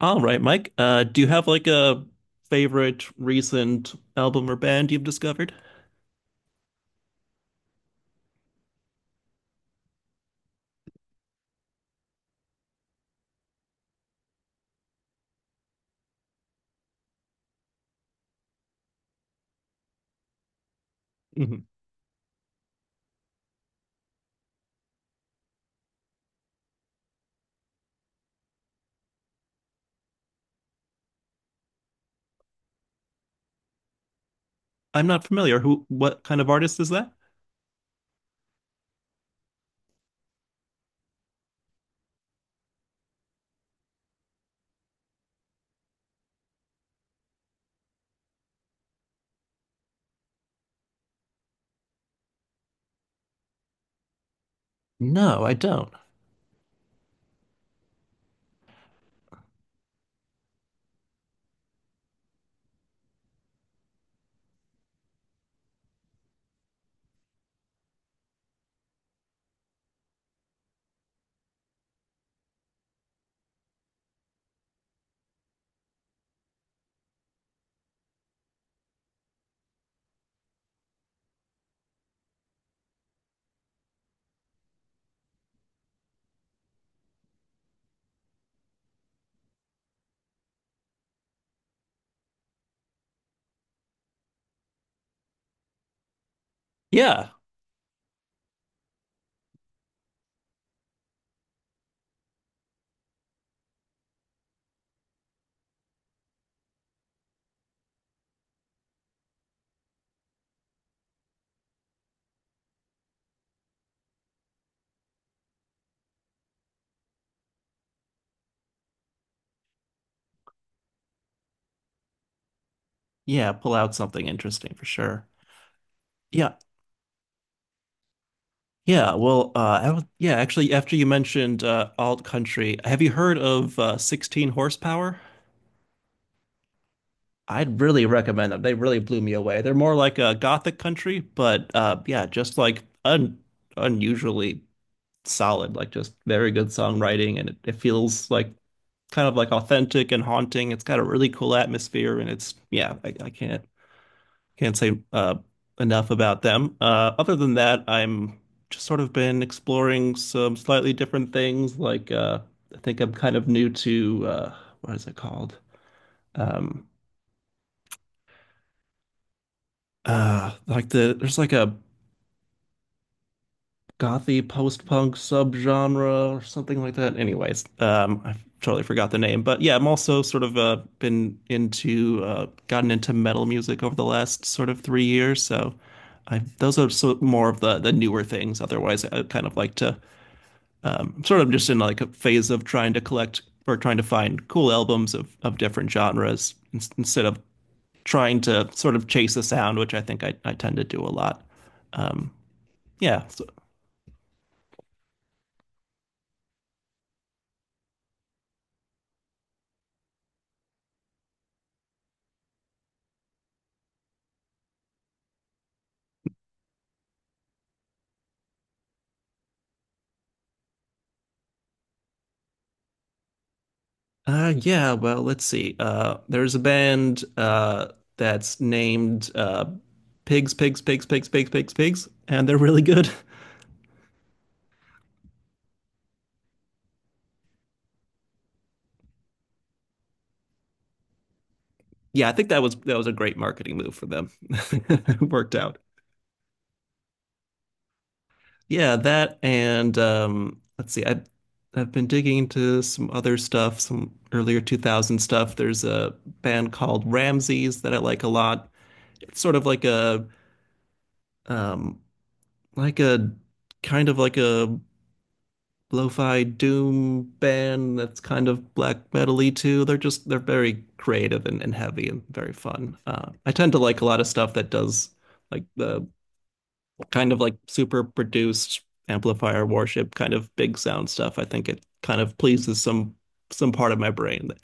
All right, Mike. Do you have a favorite recent album or band you've discovered? Mhm. I'm not familiar. What kind of artist is that? No, I don't. Yeah. Yeah, pull out something interesting for sure. Yeah. Yeah, well, I don't, yeah, actually, after you mentioned alt country, have you heard of 16 horsepower? I'd really recommend them. They really blew me away. They're more like a gothic country, but yeah, just like un unusually solid, like just very good songwriting, and it feels like kind of like authentic and haunting. It's got a really cool atmosphere, and it's yeah, I can't say enough about them. Other than that, I'm just sort of been exploring some slightly different things. Like I think I'm kind of new to what is it called? Um, like, there's like a gothy post-punk subgenre or something like that. Anyways, I totally forgot the name, but yeah, I'm also sort of been into gotten into metal music over the last sort of 3 years. So I those are so more of the newer things. Otherwise, I kind of like to I'm sort of just in like a phase of trying to collect or trying to find cool albums of different genres instead of trying to sort of chase a sound, which I think I tend to do a lot. Um, yeah. Yeah, well, let's see. There's a band that's named Pigs, Pigs, Pigs, Pigs, Pigs, Pigs, Pigs, and they're really good. Yeah, I think that was a great marketing move for them. It worked out. Yeah, that and let's see. I've been digging into some other stuff, some earlier 2000 stuff. There's a band called Ramses that I like a lot. It's sort of like a um, like a kind of like a lo-fi doom band that's kind of black metal-y too. They're very creative and heavy and very fun. I tend to like a lot of stuff that does like the kind of like super produced amplifier worship kind of big sound stuff. I think it kind of pleases some part of my brain.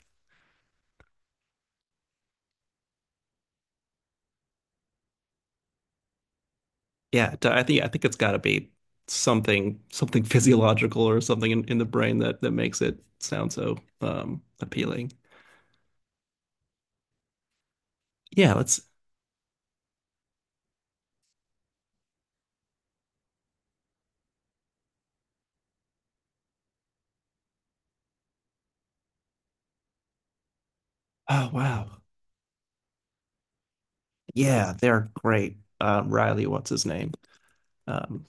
Yeah, I think it's got to be something physiological or something in the brain that makes it sound so appealing. Yeah, let's. Oh wow. Yeah, they're great. Riley, what's his name? Um,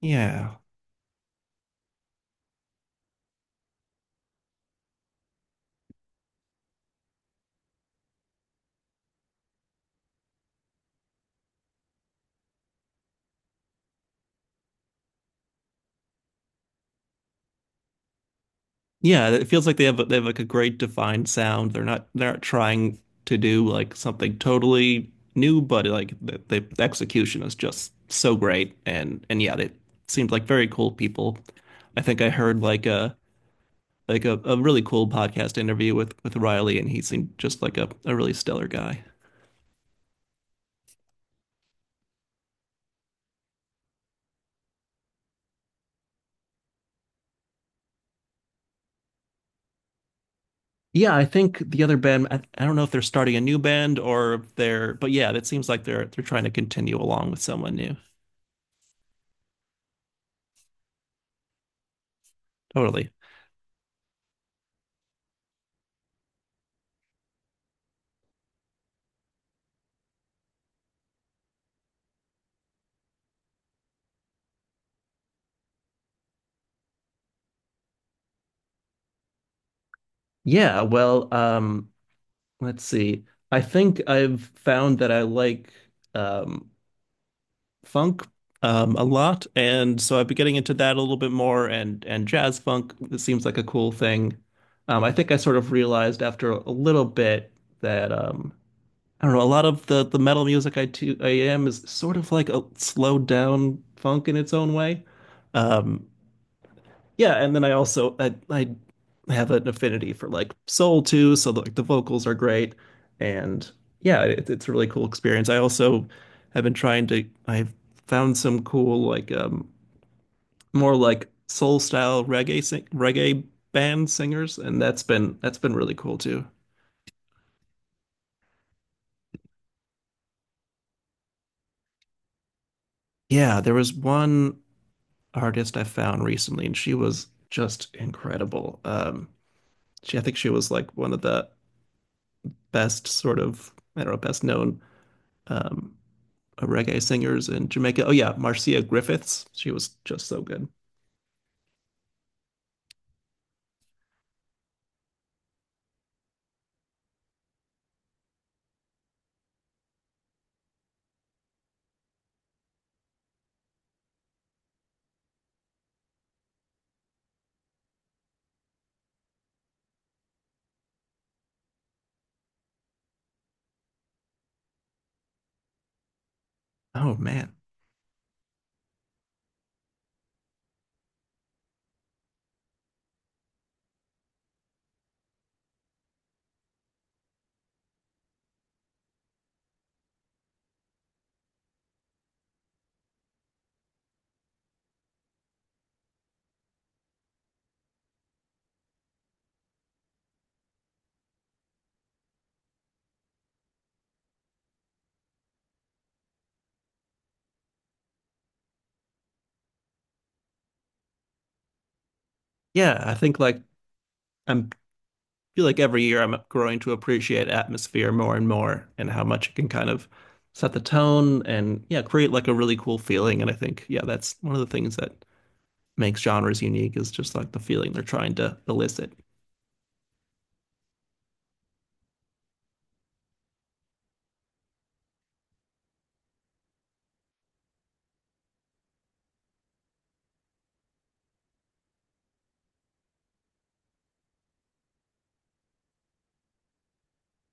yeah, yeah. It feels like they have like a great defined sound. They're not trying to do like something totally new, but like the execution is just so great. And yeah, they seemed like very cool people. I think I heard like a really cool podcast interview with Riley, and he seemed just like a really stellar guy. Yeah, I think the other band, I don't know if they're starting a new band or if they're, but yeah, it seems like they're trying to continue along with someone new. Totally. Yeah, let's see. I think I've found that I like um funk a lot, and so I've been getting into that a little bit more and jazz funk. It seems like a cool thing. I think I sort of realized after a little bit that I don't know, a lot of the metal music I am is sort of like a slowed down funk in its own way. Um yeah, and then I also I have an affinity for like soul too, so like the vocals are great and yeah, it's a really cool experience. I also have been trying to I've found some cool like more like soul style reggae sing, reggae band singers, and that's been really cool too. Yeah, there was one artist I found recently, and she was just incredible. I think she was like one of the best sort of, I don't know, best known um, reggae singers in Jamaica. Oh yeah, Marcia Griffiths. She was just so good. Oh man. Yeah, I think like I'm feel like every year I'm growing to appreciate atmosphere more and more and how much it can kind of set the tone and yeah, create like a really cool feeling. And I think, yeah, that's one of the things that makes genres unique is just like the feeling they're trying to elicit.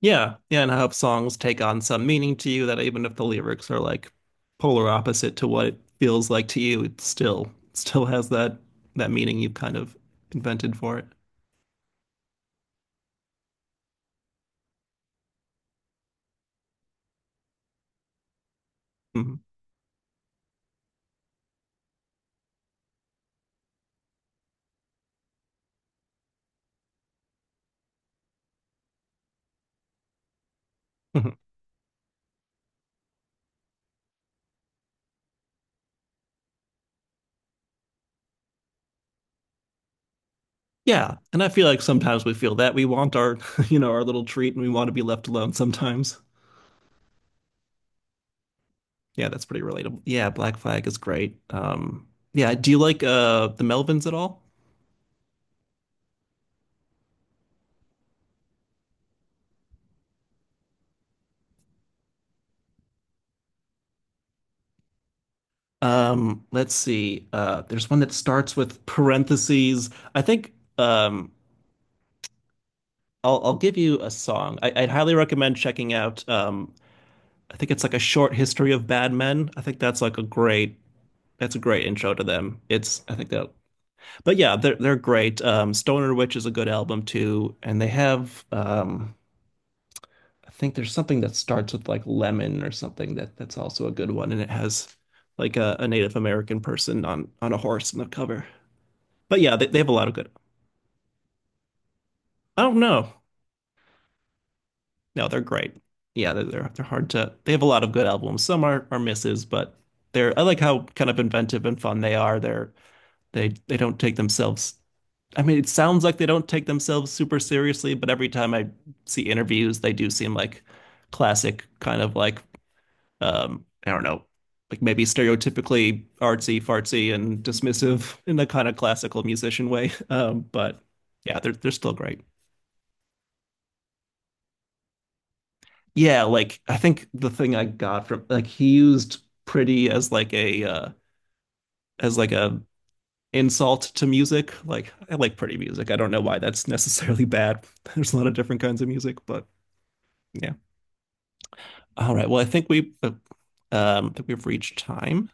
Yeah. Yeah. And how songs take on some meaning to you that even if the lyrics are like polar opposite to what it feels like to you, it still has that meaning you've kind of invented for it. Mhm. Yeah, and I feel like sometimes we feel that we want you know, our little treat, and we want to be left alone sometimes. Yeah, that's pretty relatable. Yeah, Black Flag is great. Yeah, do you like the Melvins at all? Let's see. There's one that starts with parentheses. I think I'll give you a song. I'd highly recommend checking out I think it's like A Short History of Bad Men. I think that's like a great that's a great intro to them. It's I think that But yeah, they're great. Stoner Witch is a good album too, and they have I think there's something that starts with like Lemon or something that that's also a good one, and it has like a Native American person on a horse in the cover. But yeah, they have a lot of good. I don't know. No, they're great. Yeah, they're hard to. They have a lot of good albums. Some are misses, but they're I like how kind of inventive and fun they are. They they don't take themselves. I mean, it sounds like they don't take themselves super seriously, but every time I see interviews, they do seem like classic kind of like I don't know, like maybe stereotypically artsy, fartsy, and dismissive in a kind of classical musician way. But yeah, they're still great. Yeah, I think the thing I got from like he used pretty as like a insult to music. Like I like pretty music. I don't know why that's necessarily bad. There's a lot of different kinds of music, but yeah. All right. Well, I think we've reached time.